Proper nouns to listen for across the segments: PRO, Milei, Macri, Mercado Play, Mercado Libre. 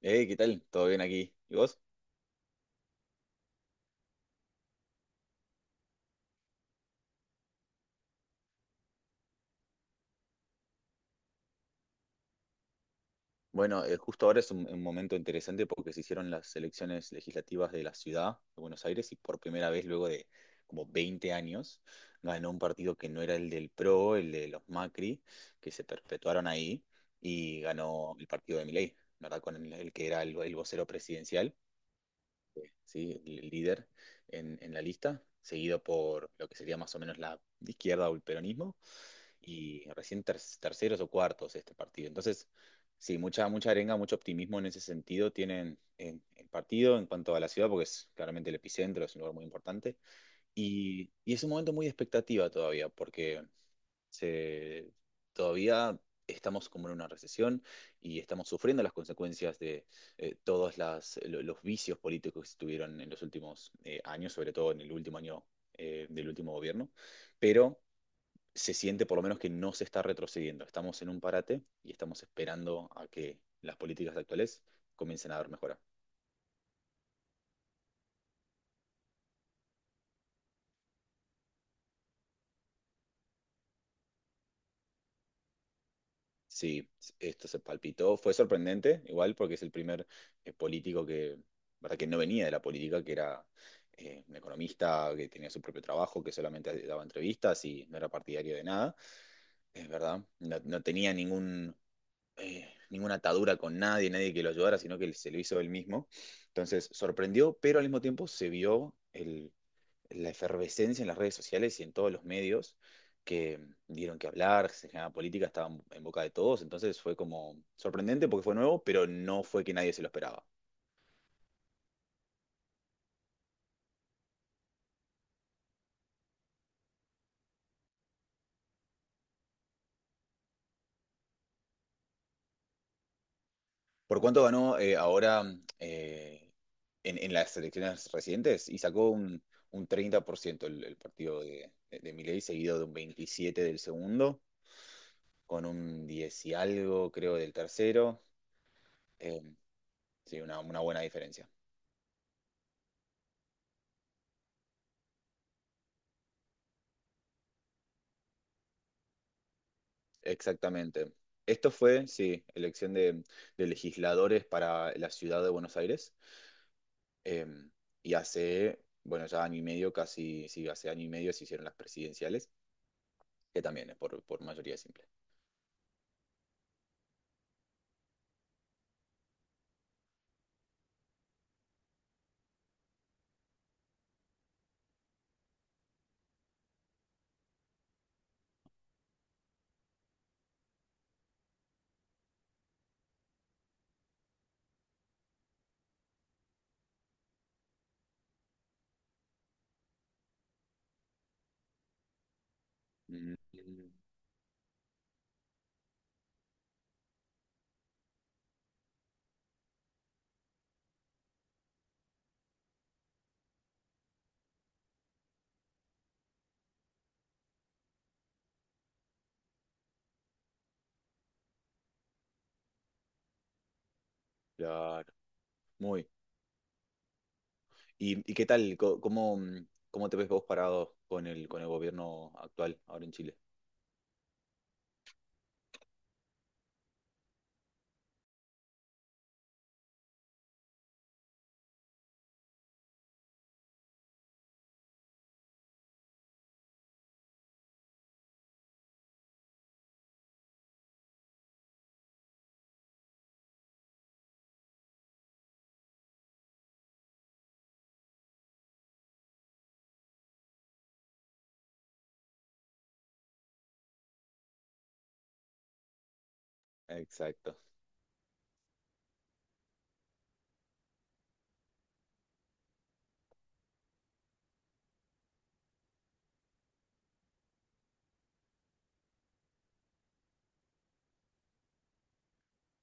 Hey, ¿qué tal? ¿Todo bien aquí? ¿Y vos? Bueno, justo ahora es un momento interesante porque se hicieron las elecciones legislativas de la ciudad de Buenos Aires y por primera vez luego de como 20 años ganó un partido que no era el del PRO, el de los Macri, que se perpetuaron ahí y ganó el partido de Milei, ¿verdad? Con el que era el vocero presidencial, ¿sí? El líder en la lista, seguido por lo que sería más o menos la izquierda o el peronismo y recién terceros o cuartos este partido. Entonces, sí, mucha arenga, mucho optimismo en ese sentido tienen en el partido en cuanto a la ciudad, porque es claramente el epicentro, es un lugar muy importante. Y es un momento muy de expectativa todavía, porque se, todavía estamos como en una recesión y estamos sufriendo las consecuencias de todos los vicios políticos que se tuvieron en los últimos años, sobre todo en el último año del último gobierno. Pero se siente por lo menos que no se está retrocediendo. Estamos en un parate y estamos esperando a que las políticas actuales comiencen a dar mejora. Sí, esto se palpitó. Fue sorprendente, igual, porque es el primer político que, ¿verdad? Que no venía de la política, que era un economista que tenía su propio trabajo, que solamente daba entrevistas y no era partidario de nada, es verdad. No, no tenía ningún, ninguna atadura con nadie, nadie que lo ayudara, sino que él se lo hizo él mismo. Entonces sorprendió, pero al mismo tiempo se vio la efervescencia en las redes sociales y en todos los medios que dieron que hablar, se generaba política, estaba en boca de todos, entonces fue como sorprendente porque fue nuevo, pero no fue que nadie se lo esperaba. ¿Por cuánto ganó ahora eh, en, en las elecciones recientes? Y sacó un 30% el partido de, de Milei, seguido de un 27% del segundo, con un 10 y algo, creo, del tercero. Eh, sí, una buena diferencia. Exactamente. Esto fue, sí, elección de legisladores para la ciudad de Buenos Aires. Eh, y hace, bueno, ya año y medio, casi, sí, hace año y medio se hicieron las presidenciales, que también es por mayoría simple. Mm, claro, muy. Y qué tal? ¿Cómo, cómo te ves vos parado con el gobierno actual ahora en Chile? Exacto.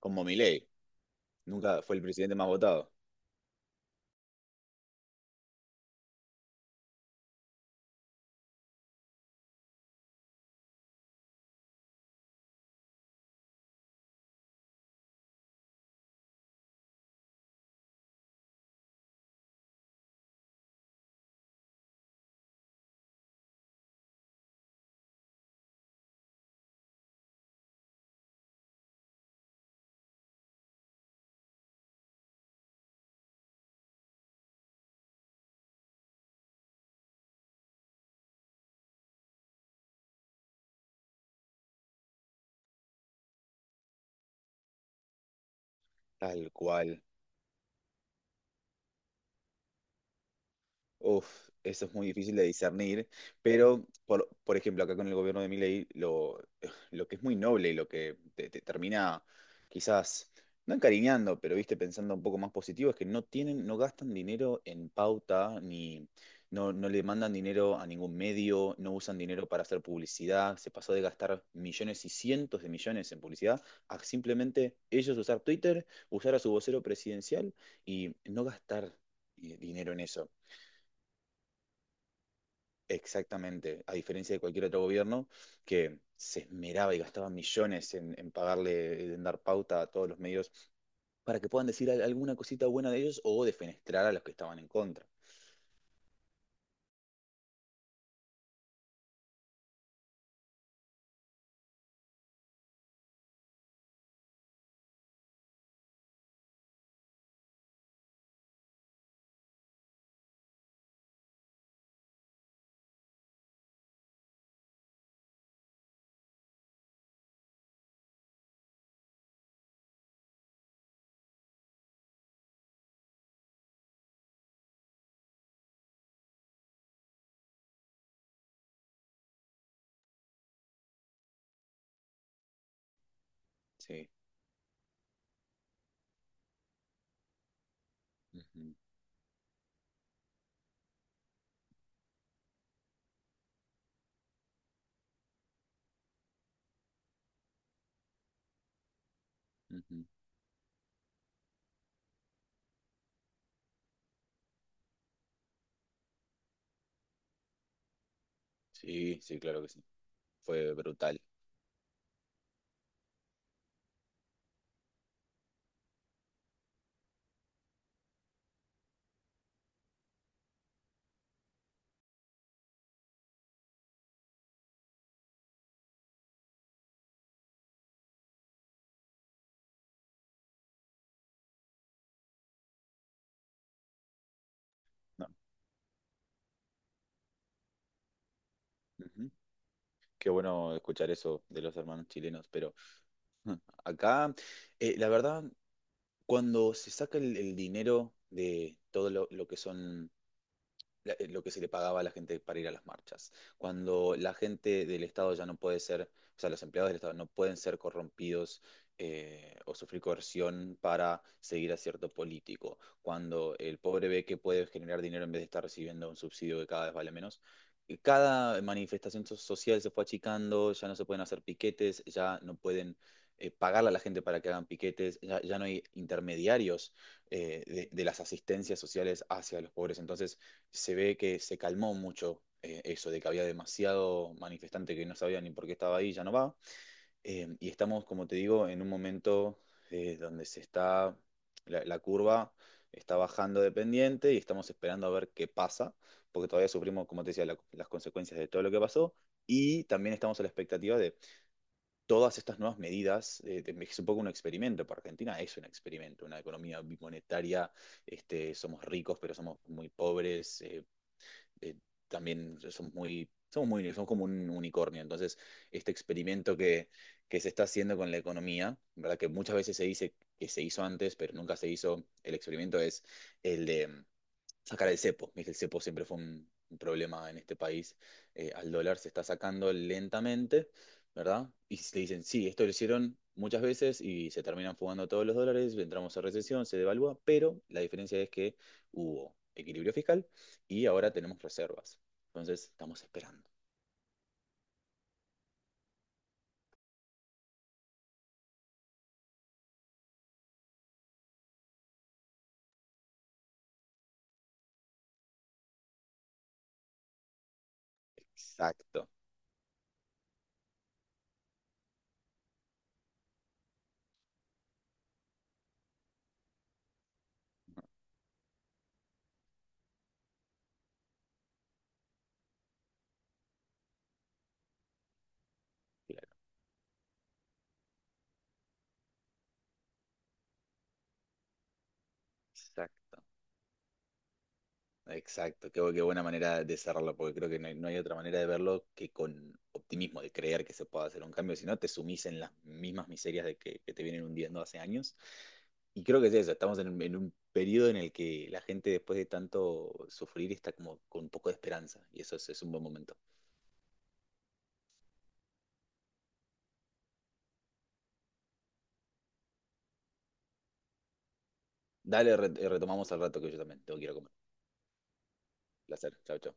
Como Milei, nunca fue el presidente más votado. Tal cual. Uf, eso es muy difícil de discernir, pero por ejemplo, acá con el gobierno de Milei, lo, lo que es muy noble y lo que te termina quizás, no encariñando, pero viste, pensando un poco más positivo, es que no tienen, no gastan dinero en pauta, ni no, no le mandan dinero a ningún medio, no usan dinero para hacer publicidad, se pasó de gastar millones y cientos de millones en publicidad a simplemente ellos usar Twitter, usar a su vocero presidencial y no gastar dinero en eso. Exactamente, a diferencia de cualquier otro gobierno que se esmeraba y gastaba millones en pagarle, en dar pauta a todos los medios para que puedan decir alguna cosita buena de ellos o defenestrar a los que estaban en contra. Sí, ujú, ujú. Sí, sí, claro que sí. Fue brutal. No, ujú. Qué bueno escuchar eso de los hermanos chilenos, pero acá, la verdad, cuando se saca el dinero de todo lo que son lo que se le pagaba a la gente para ir a las marchas. Cuando la gente del Estado ya no puede ser, o sea, los empleados del Estado no pueden ser corrompidos o sufrir coerción para seguir a cierto político. Cuando el pobre ve que puede generar dinero en vez de estar recibiendo un subsidio que cada vez vale menos. Y cada manifestación social se fue achicando, ya no se pueden hacer piquetes, ya no pueden pagarle a la gente para que hagan piquetes, ya, ya no hay intermediarios de las asistencias sociales hacia los pobres. Entonces, se ve que se calmó mucho eso de que había demasiado manifestante que no sabía ni por qué estaba ahí, ya no va. Y estamos, como te digo, en un momento donde se está, la curva está bajando de pendiente y estamos esperando a ver qué pasa, porque todavía sufrimos, como te decía, las consecuencias de todo lo que pasó. Y también estamos a la expectativa de todas estas nuevas medidas. Es un poco un experimento para Argentina, es un experimento, una economía bimonetaria. Este, somos ricos, pero somos muy pobres. Eh, También somos muy, somos muy, somos como un unicornio. Entonces, este experimento que se está haciendo con la economía, ¿verdad? Que muchas veces se dice que se hizo antes, pero nunca se hizo. El experimento es el de sacar el cepo. El cepo siempre fue un problema en este país. Al dólar se está sacando lentamente, ¿verdad? Y le dicen, sí, esto lo hicieron muchas veces y se terminan fugando todos los dólares, entramos a recesión, se devalúa, pero la diferencia es que hubo equilibrio fiscal y ahora tenemos reservas. Entonces, estamos esperando. Exacto. Claro, exacto. Exacto, qué, qué buena manera de cerrarlo, porque creo que no hay, no hay otra manera de verlo que con optimismo, de creer que se puede hacer un cambio, si no te sumís en las mismas miserias de que te vienen hundiendo hace años. Y creo que es eso, estamos en un periodo en el que la gente después de tanto sufrir está como con un poco de esperanza, y eso es un buen momento. Dale, retomamos al rato que yo también tengo que ir a comer. Placer, chao, chao.